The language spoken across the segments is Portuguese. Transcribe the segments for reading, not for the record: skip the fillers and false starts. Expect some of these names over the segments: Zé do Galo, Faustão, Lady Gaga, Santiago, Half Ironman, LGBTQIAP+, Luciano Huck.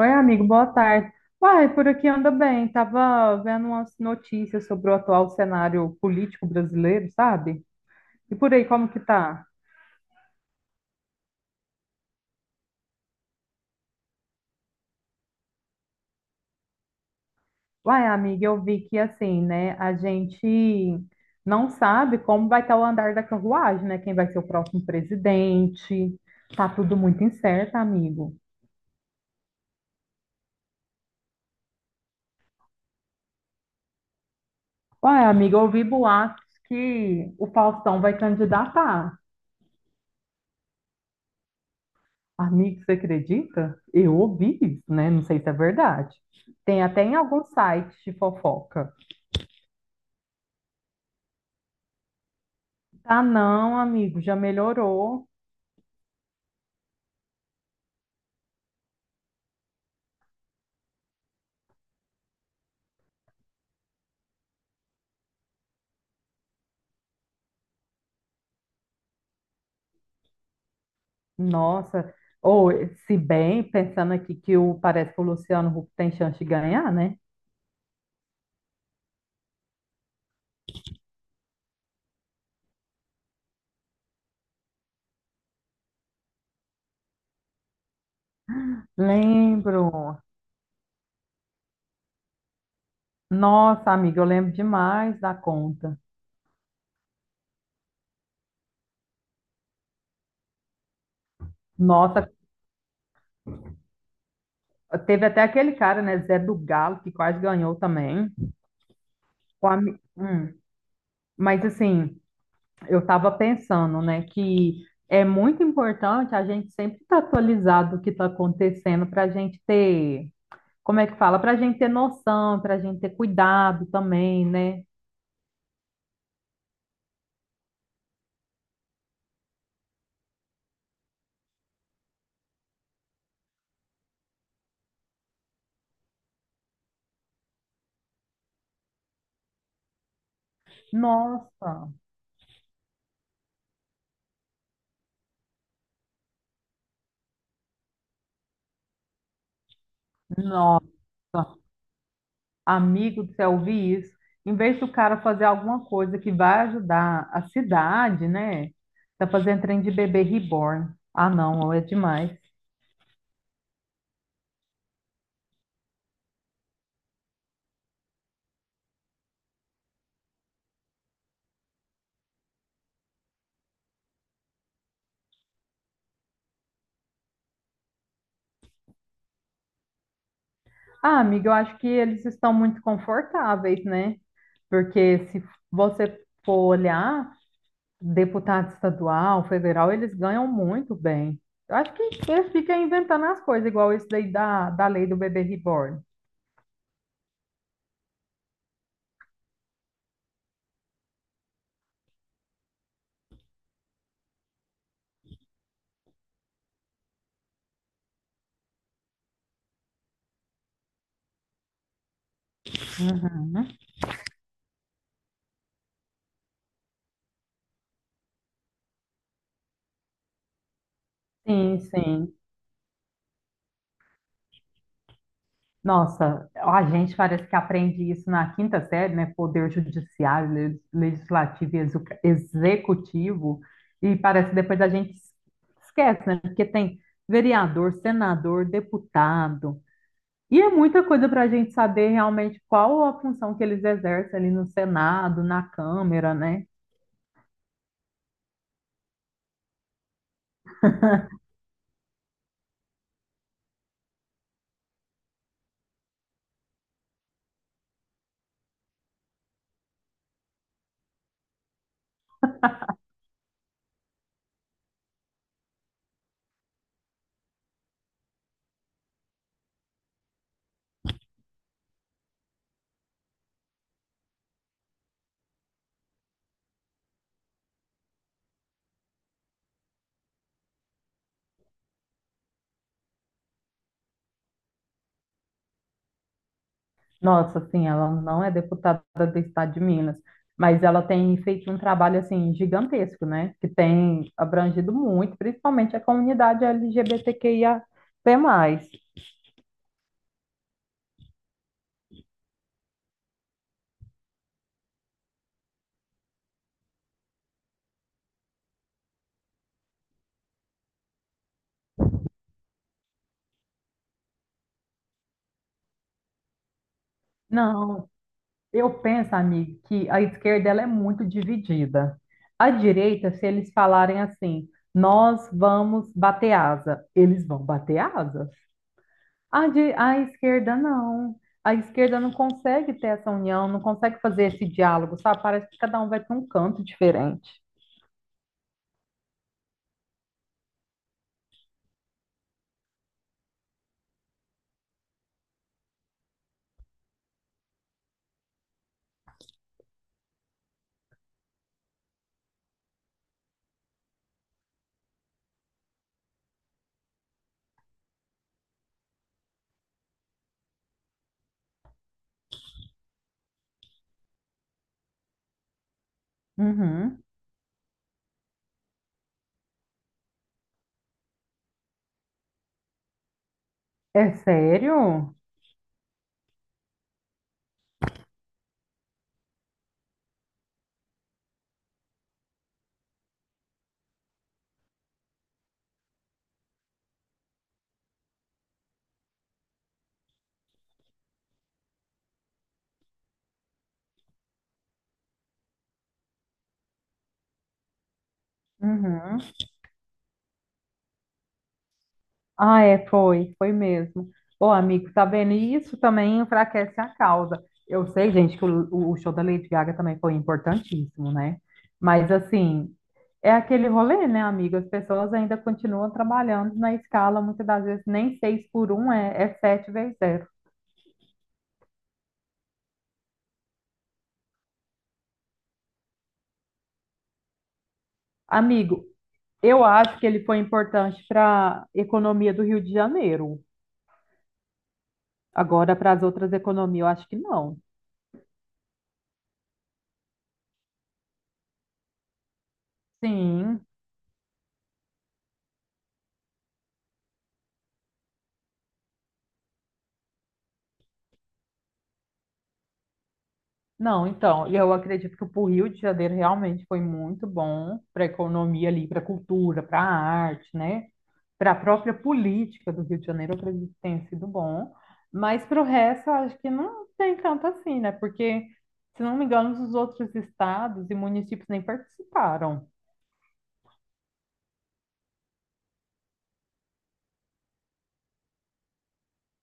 Oi, amigo, boa tarde. Uai, por aqui anda bem. Tava vendo umas notícias sobre o atual cenário político brasileiro, sabe? E por aí, como que tá? Uai, amiga, eu vi que assim, né, a gente não sabe como vai estar o andar da carruagem, né? Quem vai ser o próximo presidente. Tá tudo muito incerto, amigo. Uai, amiga, eu ouvi boatos que o Faustão vai candidatar. Amigo, você acredita? Eu ouvi isso, né? Não sei se é verdade. Tem até em alguns sites de fofoca. Ah, não, amigo, já melhorou. Nossa. Ou, se bem, pensando aqui que o, parece que o Luciano Huck tem chance de ganhar, né? Lembro. Nossa, amigo, eu lembro demais da conta. Nossa, teve até aquele cara, né? Zé do Galo, que quase ganhou também. O ami- Hum. Mas assim. Eu estava pensando, né, que é muito importante a gente sempre estar atualizado do que está acontecendo para a gente ter, como é que fala? Para a gente ter noção, para a gente ter cuidado também, né? Nossa, nossa, amigo do céu, eu vi isso. Em vez do cara fazer alguma coisa que vai ajudar a cidade, né? Tá fazendo trem de bebê reborn. Ah, não, é demais. Ah, amiga, eu acho que eles estão muito confortáveis, né? Porque se você for olhar, deputado estadual, federal, eles ganham muito bem. Eu acho que eles ficam inventando as coisas, igual isso daí da lei do bebê reborn. Uhum. Sim, sim. Nossa, a gente parece que aprende isso na quinta série, né? Poder judiciário, legislativo e executivo, e parece que depois a gente esquece, né? Porque tem vereador, senador, deputado, e é muita coisa para a gente saber realmente qual a função que eles exercem ali no Senado, na Câmara, né? Nossa, sim, ela não é deputada do estado de Minas, mas ela tem feito um trabalho assim gigantesco, né? Que tem abrangido muito, principalmente a comunidade LGBTQIAP+. Não, eu penso, amigo, que a esquerda ela é muito dividida. A direita, se eles falarem assim, nós vamos bater asa, eles vão bater asa. A, a esquerda não. A esquerda não consegue ter essa união, não consegue fazer esse diálogo, sabe? Parece que cada um vai para um canto diferente. Uhum. É sério? Uhum. Ah, é, foi, foi mesmo. Ô, amigo, tá vendo? E isso também enfraquece a causa. Eu sei, gente, que o show da Lady Gaga também foi importantíssimo, né? Mas, assim, é aquele rolê, né, amigo? As pessoas ainda continuam trabalhando na escala, muitas das vezes nem seis por um é, é sete vezes zero. Amigo, eu acho que ele foi importante para a economia do Rio de Janeiro. Agora, para as outras economias, eu acho que não. Sim. Não, então, e eu acredito que para o Rio de Janeiro realmente foi muito bom para a economia ali, para a cultura, para a arte, né? Para a própria política do Rio de Janeiro, eu acredito que tenha sido bom. Mas para o resto, eu acho que não tem tanto assim, né? Porque, se não me engano, os outros estados e municípios nem participaram.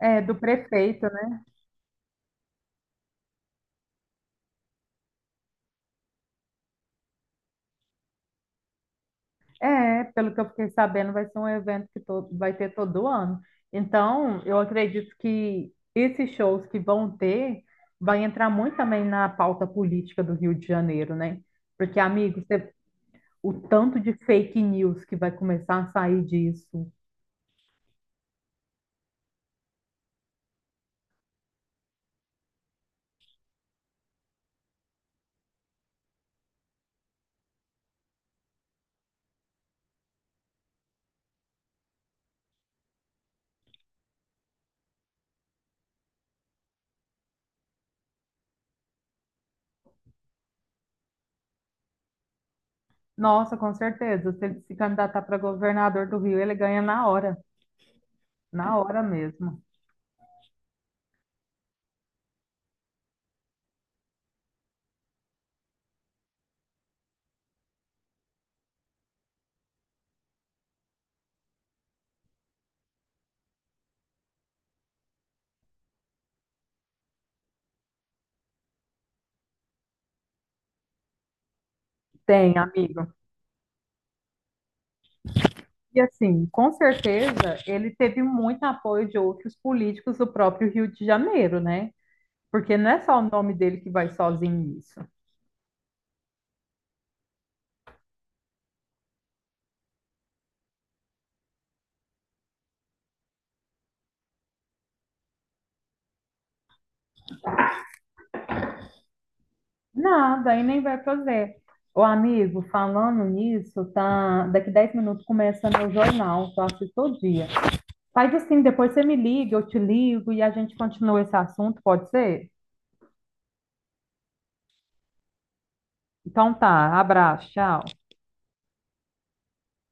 É, do prefeito. É, pelo que eu fiquei sabendo, vai ser um evento que todo, vai ter todo ano. Então, eu acredito que esses shows que vão ter vai entrar muito também na pauta política do Rio de Janeiro, né? Porque, amigo, você- o tanto de fake news que vai começar a sair disso. Nossa, com certeza. Se ele se candidatar para governador do Rio, ele ganha na hora mesmo. Tem, amigo. E assim, com certeza, ele teve muito apoio de outros políticos do próprio Rio de Janeiro, né? Porque não é só o nome dele que vai sozinho nisso. Nada, aí nem vai fazer. Ô, amigo, falando nisso, tá... daqui 10 minutos começa meu jornal, que eu assisto todo dia. Faz assim, depois você me liga, eu te ligo e a gente continua esse assunto, pode ser? Então tá, abraço, tchau.